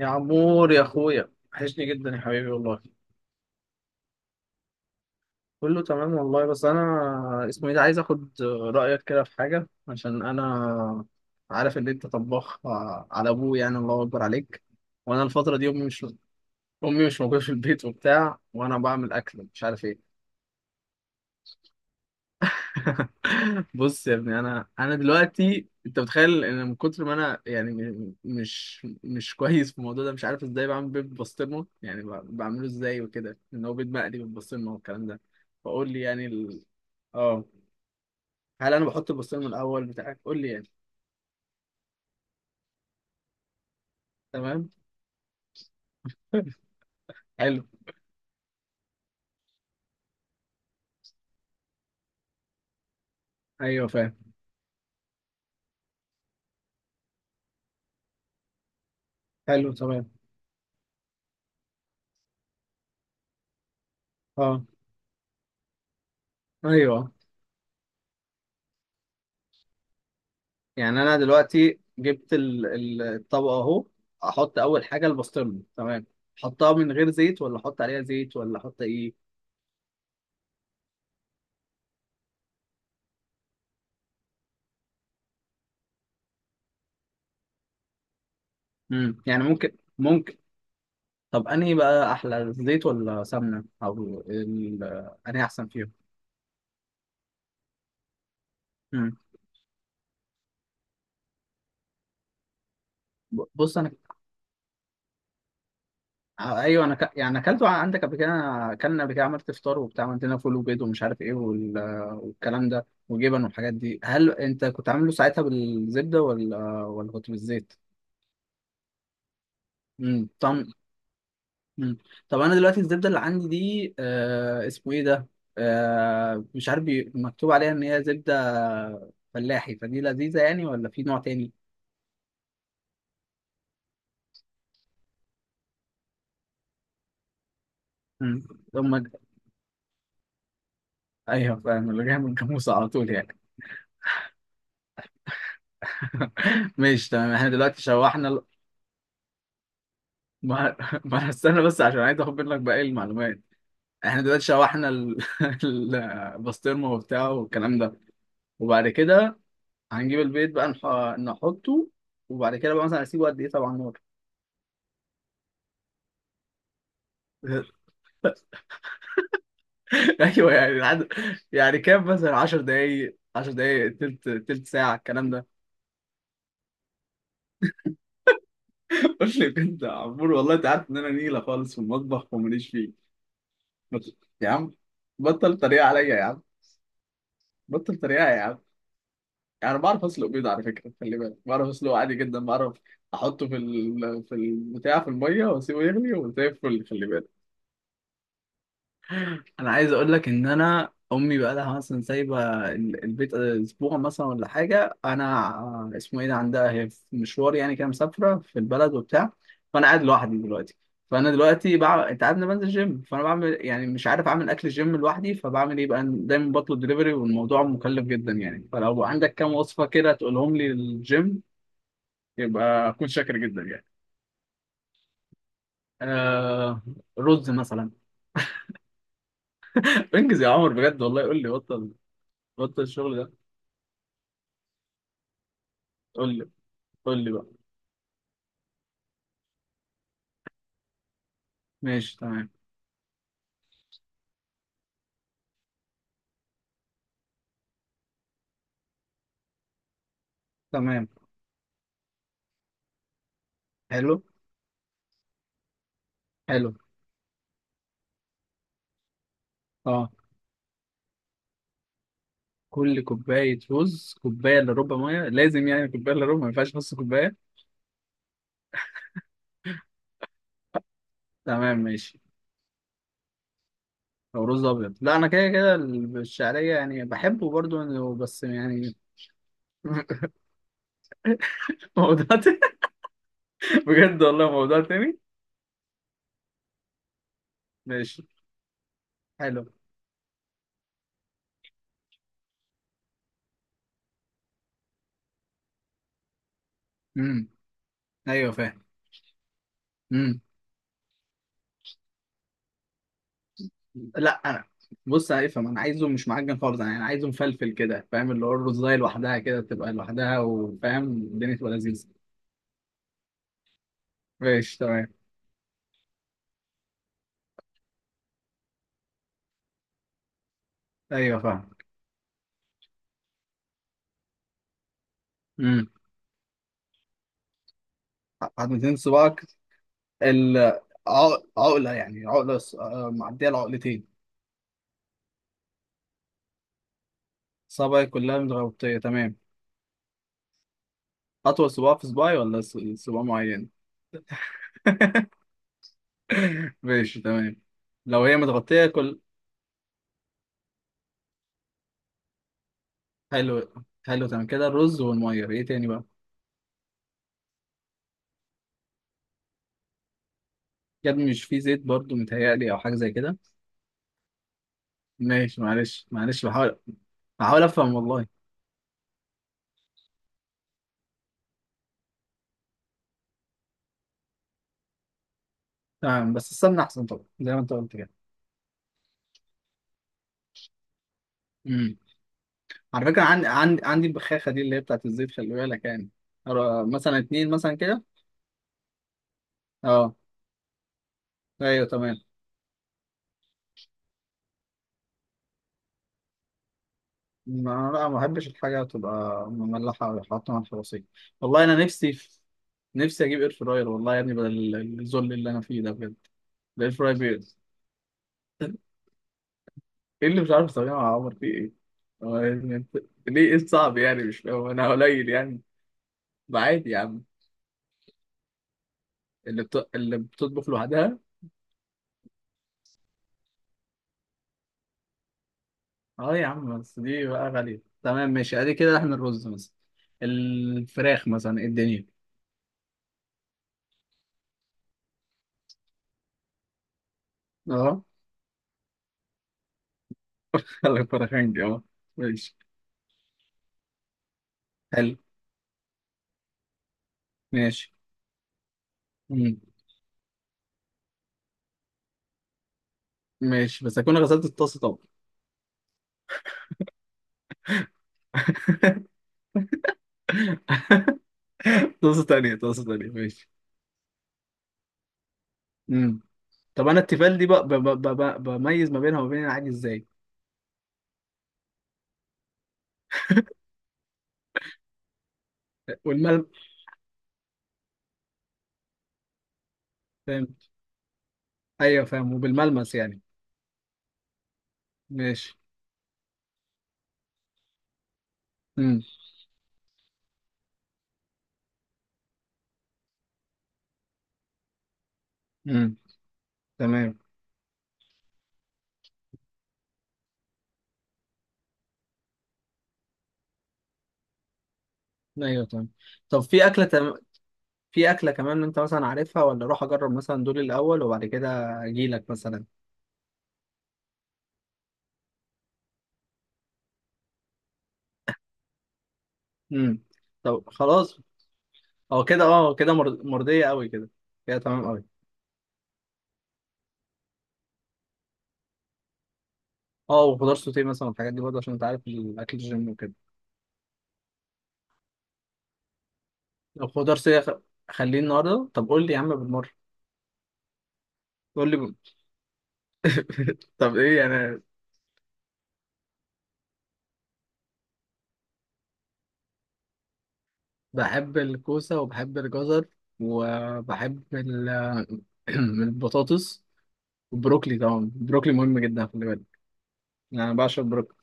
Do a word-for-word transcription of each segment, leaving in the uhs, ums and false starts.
يا عمور يا اخويا، وحشني جدا يا حبيبي والله. كله تمام والله، بس انا اسمه ايه ده عايز اخد رايك كده في حاجه، عشان انا عارف ان انت طباخ. آه، على ابوه يعني، الله اكبر عليك. وانا الفتره دي امي مش امي مش موجوده في البيت وبتاع، وانا بعمل اكل مش عارف ايه. بص يا ابني، انا انا دلوقتي، انت متخيل ان من كتر ما انا يعني م- مش مش كويس في الموضوع ده، مش عارف ازاي بعمل بيض بسطرمه، يعني ب- بعمله ازاي وكده، ان هو بيض مقلي بالبسطرمه والكلام ده. فقول لي يعني ال... اه. هل انا بحط البسطرمه الاول؟ بتاعك قول لي يعني. تمام. حلو. ايوه فاهم. حلو تمام. اه. ايوه. يعني انا دلوقتي جبت ال... ال- الطبقه اهو. احط اول حاجه البسطرمه تمام، احطها من غير زيت ولا احط عليها زيت ولا احط ايه؟ امم يعني ممكن ممكن. طب انهي بقى احلى، الزيت ولا سمنه او ال... انهي احسن فيهم؟ امم. ب- بص انا، آه، ايوه انا ك... يعني اكلته عندك قبل كده، أنا اكلنا قبل كده، عملت فطار وبتاع، عملت لنا فول وبيض ومش عارف ايه وال... والكلام ده وجبن والحاجات دي. هل انت كنت عامله ساعتها بالزبده ولا ولا كنت بالزيت؟ امم. طعم. مم. طب انا دلوقتي الزبده اللي عندي دي آه اسمه ايه ده، آه مش عارف بي- مكتوب عليها ان هي زبده فلاحي، فدي لذيذه يعني ولا في نوع تاني؟ مم. ثم. ايوه فاهم، اللي جاي من الجاموسه على طول يعني. ماشي تمام، احنا دلوقتي شوحنا ال... ما... ما أنا استنى بس عشان عايز اخد منك باقي المعلومات. احنا دلوقتي شوحنا ال... البسطرمه وبتاعه والكلام ده، وبعد كده هنجيب البيض بقى نح... نحطه. وبعد كده بقى مثلا اسيبه قد ايه طبعا؟ نار. ايوه يعني العد... يعني كام، مثلا عشر دقايق، عشر دقايق، تلت تلت ساعه، الكلام ده؟ قلت لي كنت يا عمور والله، انت عارف ان انا نيله خالص في المطبخ وماليش فيه. قلت يا عم، بطل طريقه عليا يا عم. بطل طريقه يا عم. يعني بعرف اسلق بيض على فكره، خلي بالك، بعرف اسلقه عادي جدا، بعرف احطه في ال... في البتاع في الميه، واسيبه يغلي وزي الفل، خلي بالك. انا عايز اقول لك ان انا امي بقى لها مثلا سايبه ال- البيت اسبوع مثلا ولا حاجه، انا اسمه ايه ده، عندها هي في مشوار يعني كده، مسافره في البلد وبتاع، فانا قاعد لوحدي دلوقتي. فانا دلوقتي بقى، انت عارف إن أنا بنزل جيم، فانا بعمل، يعني مش عارف اعمل اكل الجيم لوحدي، فبعمل ايه بقى، دايما بطلب دليفري والموضوع مكلف جدا يعني، فلو عندك كام وصفه كده تقولهم لي للجيم يبقى اكون شاكر جدا يعني. آه. رز مثلا. انجز يا عمر بجد والله، قول لي، بطل بطل الشغل ده. قول لي، قول لي بقى. ماشي تمام. تمام. حلو. حلو. اه. كل كوباية رز كوباية إلا ربع مية، لازم يعني كوباية إلا ربع، ما ينفعش نص كوباية؟ تمام ماشي. أو رز أبيض، لا أنا كده كده الشعرية يعني بحبه برضو. إنه- بس يعني. موضوع تاني. بجد والله موضوع تاني. ماشي. حلو. امم. أيوه فاهم. امم. لا، أنا بص أنا افهم، أنا عايزه مش معجن خالص، أنا عايزه مفلفل كده فاهم، اللي هو الرزاية لوحدها كده تبقى لوحدها، وفاهم الدنيا تبقى لذيذة. ماشي تمام. أيوه فاهم. امم. عظمتين صباعك، العقلة يعني، عقلة ص- آه، معدية العقلتين. صبعي كلها متغطية تمام. أطول صباع في صباعي ولا ص- صباع معين؟ ماشي تمام. لو هي متغطية كل. حلو. حلو تمام كده. الرز والمية، إيه تاني بقى؟ كده مش فيه زيت برضو متهيألي، أو حاجة زي كده؟ ماشي. معلش معلش، بحاول، بحاول أفهم والله. تمام، بس السمنة أحسن طبعا زي ما أنت قلت كده. على فكرة عندي عندي عندي البخاخة دي اللي هي بتاعت الزيت، خلي بالك يعني، أرى مثلا اتنين مثلا كده. اه. ايوه تمام. ما أنا لا، ما بحبش الحاجة تبقى مملحة أو حاطة على الفرصية. والله أنا نفسي في... نفسي أجيب إير فراير والله يا ابني، بدل ال- الذل اللي أنا فيه ده بجد. الإير فراير بي- إيه اللي مش عارف أستخدمه يا عمر، فيه إيه؟ هو يعني أنت- ليه، إيه الصعب يعني، مش فاهم، أنا قليل يعني؟ ما عادي يا عم، اللي بت... اللي بتطبخ لوحدها. اه يا عم، بس دي بقى غالية. تمام ماشي، ادي كده احنا الرز مثلا، الفراخ مثلا، إيه الدنيا؟ اه. الفراخين دي اه. ماشي. حلو. ماشي. مم. ماشي بس اكون غسلت الطاسة طبعا. طاسة تانية، طاسة تانية، ماشي. مم. طب انا التيفال دي بقى ب- ب- ب- ب- بميز ما بينها وما بين العادي ازاي؟ والملمس، فاهم. ايوه فاهم، وبالملمس يعني. ماشي. مم. مم. تمام. ايوه تمام. طب في اكله، في أكلة كمان أنت مثلا عارفها، ولا أروح أجرب مثلا دول الأول وبعد كده أجيلك مثلا؟ امم. طب خلاص، هو كده. أه كده مرض- مرضية أوي كده. كده تمام أوي. أه وخضار سوتيه مثلا والحاجات دي برضه، عشان أنت عارف الأكل الجيم وكده. لو خضار سوتيه خ- خليه النهاردة، طب قول لي يا عم بالمرة، قول لي ب- طب إيه أنا. بحب الكوسة وبحب الجزر وبحب ال- البطاطس. والبروكلي طبعا، البروكلي مهم جدا خلي بالك يعني، أنا بعشق البروكلي.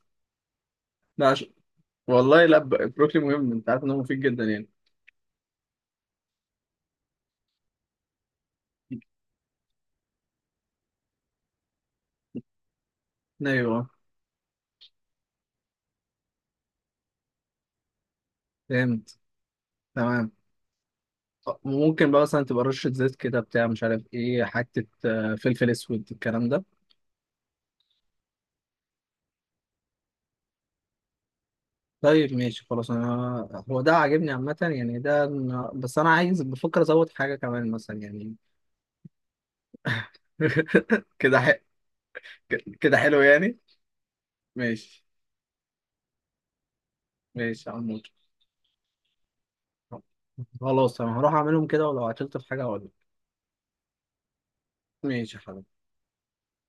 لا، والله لا. ب- بروكلي مهم، انت عارف ان هو مفيد جدا يعني. ايوه فهمت. تمام، ممكن بقى مثلا تبقى رشة زيت كده بتاع، مش عارف ايه، حتة آه، فلفل اسود الكلام ده. طيب ماشي خلاص، انا هو ده عاجبني عامة يعني، ده أنا- بس انا عايز، بفكر ازود حاجة كمان مثلا يعني. كده ح... كده حلو يعني. ماشي. ماشي يا عم ممكن. خلاص انا هروح اعملهم كده، ولو عطلت في حاجة هقول لك. ماشي يا حبيبي.